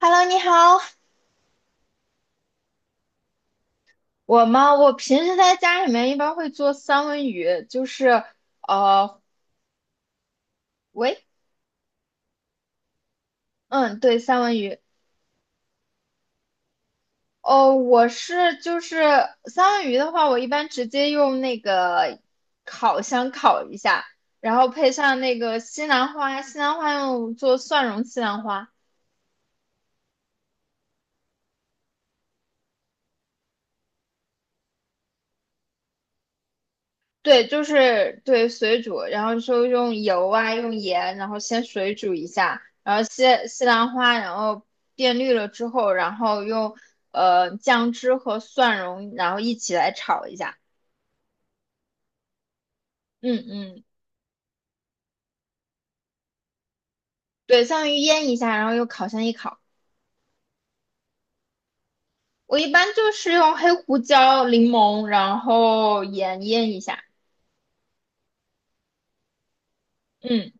Hello，你好。我吗？我平时在家里面一般会做三文鱼，就是呃，喂，嗯，对，三文鱼。哦，就是三文鱼的话，我一般直接用那个烤箱烤一下，然后配上那个西兰花，西兰花用做蒜蓉西兰花，对，就是对水煮，然后说用油啊，用盐，然后先水煮一下，然后西兰花，然后变绿了之后，然后用酱汁和蒜蓉，然后一起来炒一下。嗯嗯，对，相当于腌一下，然后用烤箱一烤。我一般就是用黑胡椒、柠檬，然后盐腌一下。嗯，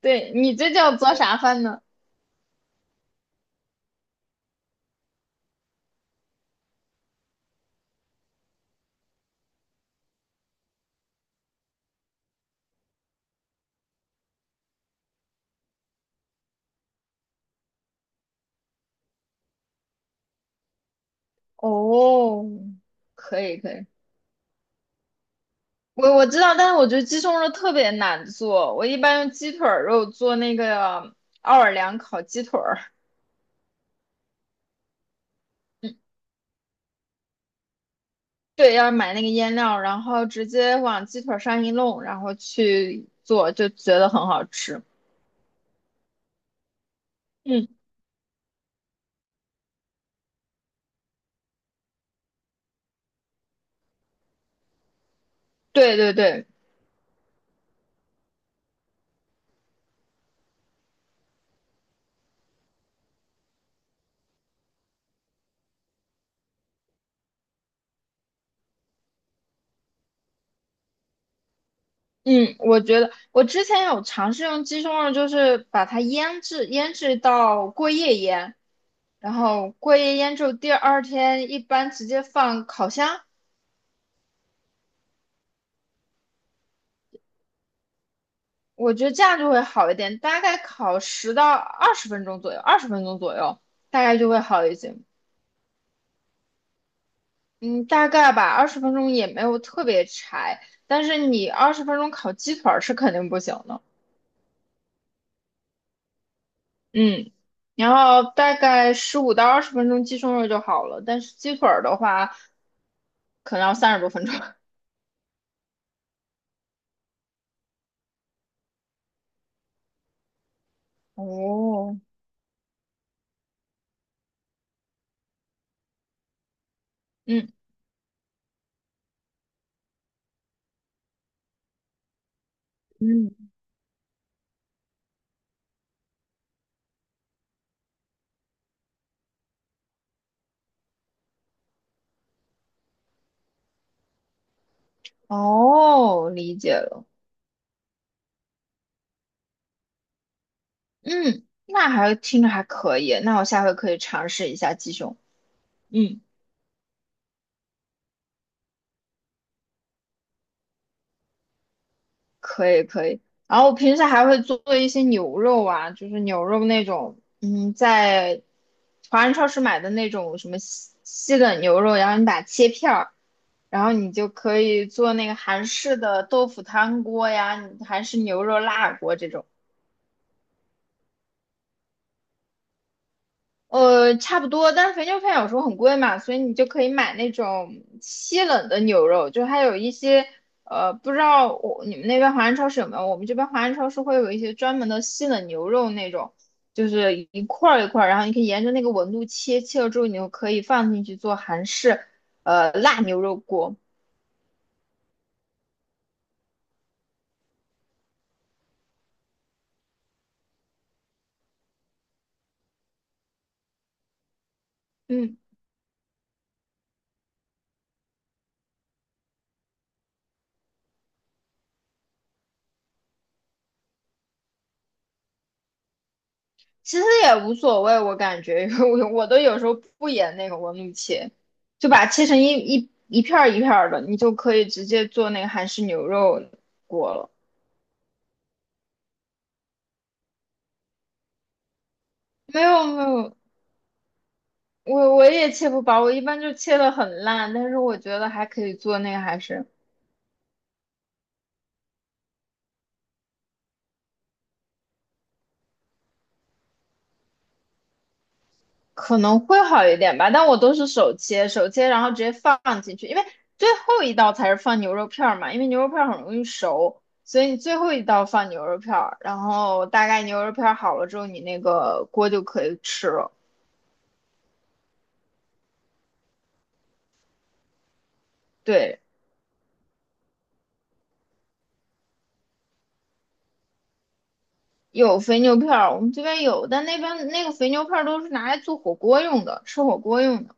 对，你最近有做啥饭呢？哦，可以可以。我知道，但是我觉得鸡胸肉特别难做。我一般用鸡腿儿肉做那个奥尔良烤鸡腿儿，嗯，对，要买那个腌料，然后直接往鸡腿儿上一弄，然后去做，就觉得很好吃。嗯，对对对，嗯，我觉得我之前有尝试用鸡胸肉，就是把它腌制，腌制到过夜腌，然后过夜腌之后第二天一般直接放烤箱。我觉得这样就会好一点，大概烤10到20分钟左右，二十分钟左右，大概就会好一些。嗯，大概吧，二十分钟也没有特别柴，但是你二十分钟烤鸡腿儿是肯定不行的。嗯，然后大概15到20分钟鸡胸肉就好了，但是鸡腿儿的话，可能要30多分钟。哦，嗯，嗯，哦，理解了。嗯，那还听着还可以，那我下回可以尝试一下鸡胸。嗯。可以可以。然后我平时还会做一些牛肉啊，就是牛肉那种，嗯，在华人超市买的那种什么西冷牛肉，然后你把它切片儿，然后你就可以做那个韩式的豆腐汤锅呀，韩式牛肉辣锅这种。呃，差不多，但是肥牛饭有时候很贵嘛，所以你就可以买那种西冷的牛肉，就还有一些不知道我你们那边华人超市有没有？我们这边华人超市会有一些专门的西冷牛肉那种，就是一块儿一块儿，然后你可以沿着那个纹路切，切了之后你就可以放进去做韩式辣牛肉锅。嗯。其实也无所谓，我感觉，因为我都有时候不演那个纹路切，就把它切成一片儿一片儿的，你就可以直接做那个韩式牛肉锅了。没有没有，我也切不薄，我一般就切的很烂，但是我觉得还可以做那个韩式。可能会好一点吧，但我都是手切，然后直接放进去，因为最后一道才是放牛肉片儿嘛，因为牛肉片儿很容易熟，所以你最后一道放牛肉片儿，然后大概牛肉片儿好了之后，你那个锅就可以吃了。对，有肥牛片儿，我们这边有，但那边那个肥牛片儿都是拿来做火锅用的，吃火锅用的。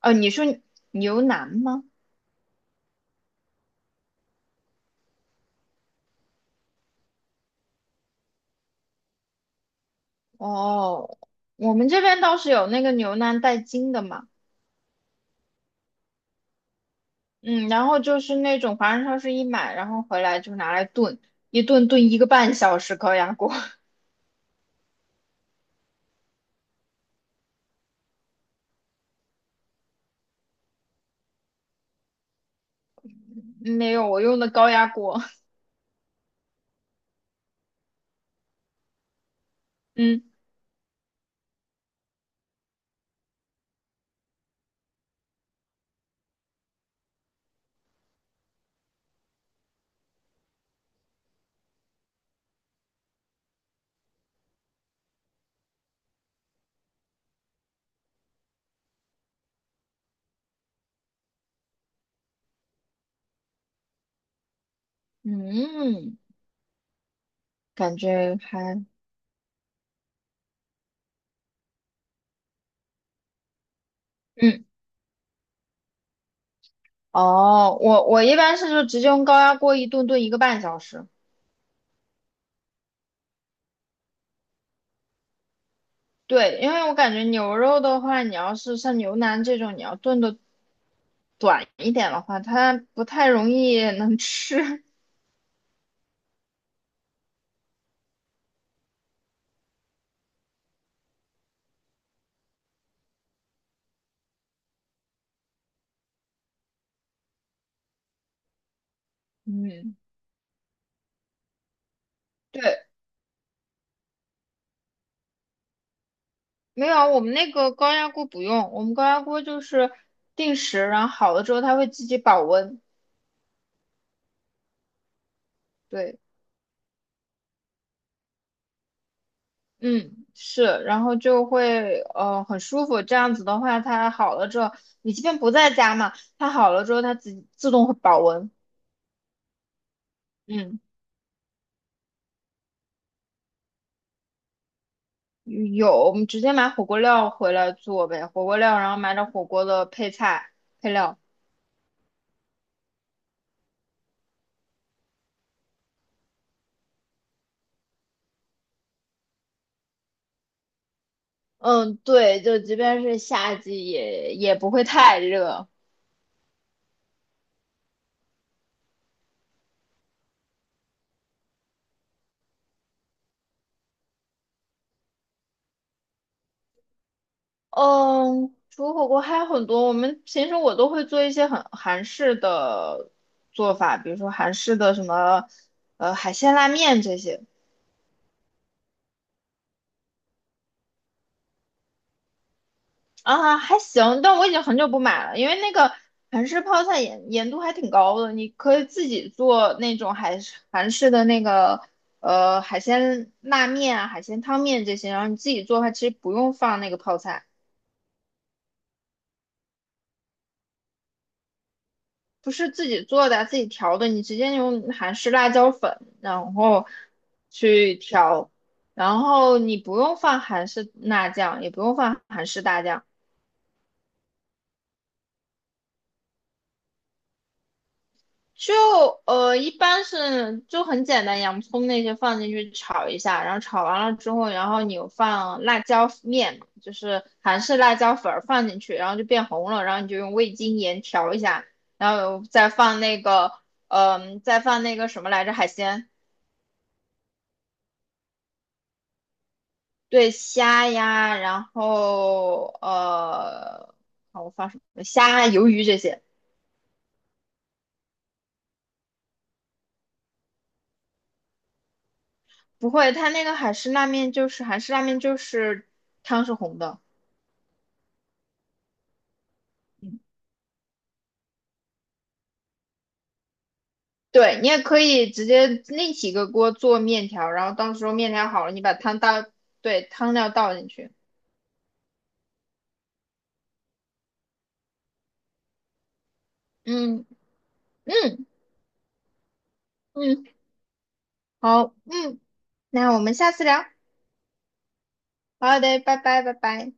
哦，你说牛腩吗？哦，我们这边倒是有那个牛腩带筋的嘛。嗯，然后就是那种华人超市一买，然后回来就拿来炖，一炖炖一个半小时高压锅。没有，我用的高压锅。嗯嗯，感觉还嗯哦，我一般是就直接用高压锅一炖炖一个半小时。对，因为我感觉牛肉的话，你要是像牛腩这种，你要炖的短一点的话，它不太容易能吃。嗯。对。没有啊，我们那个高压锅不用，我们高压锅就是定时，然后好了之后它会自己保温。对，嗯，是，然后就会很舒服。这样子的话，它好了之后，你即便不在家嘛，它好了之后它自动会保温。嗯，有，我们直接买火锅料回来做呗，火锅料，然后买点火锅的配菜配料。嗯，对，就即便是夏季也不会太热。嗯，除了火锅还有很多，我们平时我都会做一些很韩式的做法，比如说韩式的什么海鲜拉面这些。啊，还行，但我已经很久不买了，因为那个韩式泡菜盐度还挺高的，你可以自己做那种韩式的那个海鲜拉面啊、海鲜汤面这些，然后你自己做的话，其实不用放那个泡菜。不是自己做的，自己调的，你直接用韩式辣椒粉，然后去调，然后你不用放韩式辣酱，也不用放韩式大酱，就一般是就很简单，洋葱那些放进去炒一下，然后炒完了之后，然后你有放辣椒面，就是韩式辣椒粉儿放进去，然后就变红了，然后你就用味精盐调一下，然后再放那个再放那个什么来着海鲜。对虾呀，然后好，我放什么？虾、鱿鱼这些。不会，它那个海式拉面就是韩式拉面，就是汤是红的。嗯，对，你也可以直接另起一个锅做面条，然后到时候面条好了，你把汤倒，对，汤料倒进去。嗯嗯嗯，好，嗯，那我们下次聊。好的，拜拜，拜拜。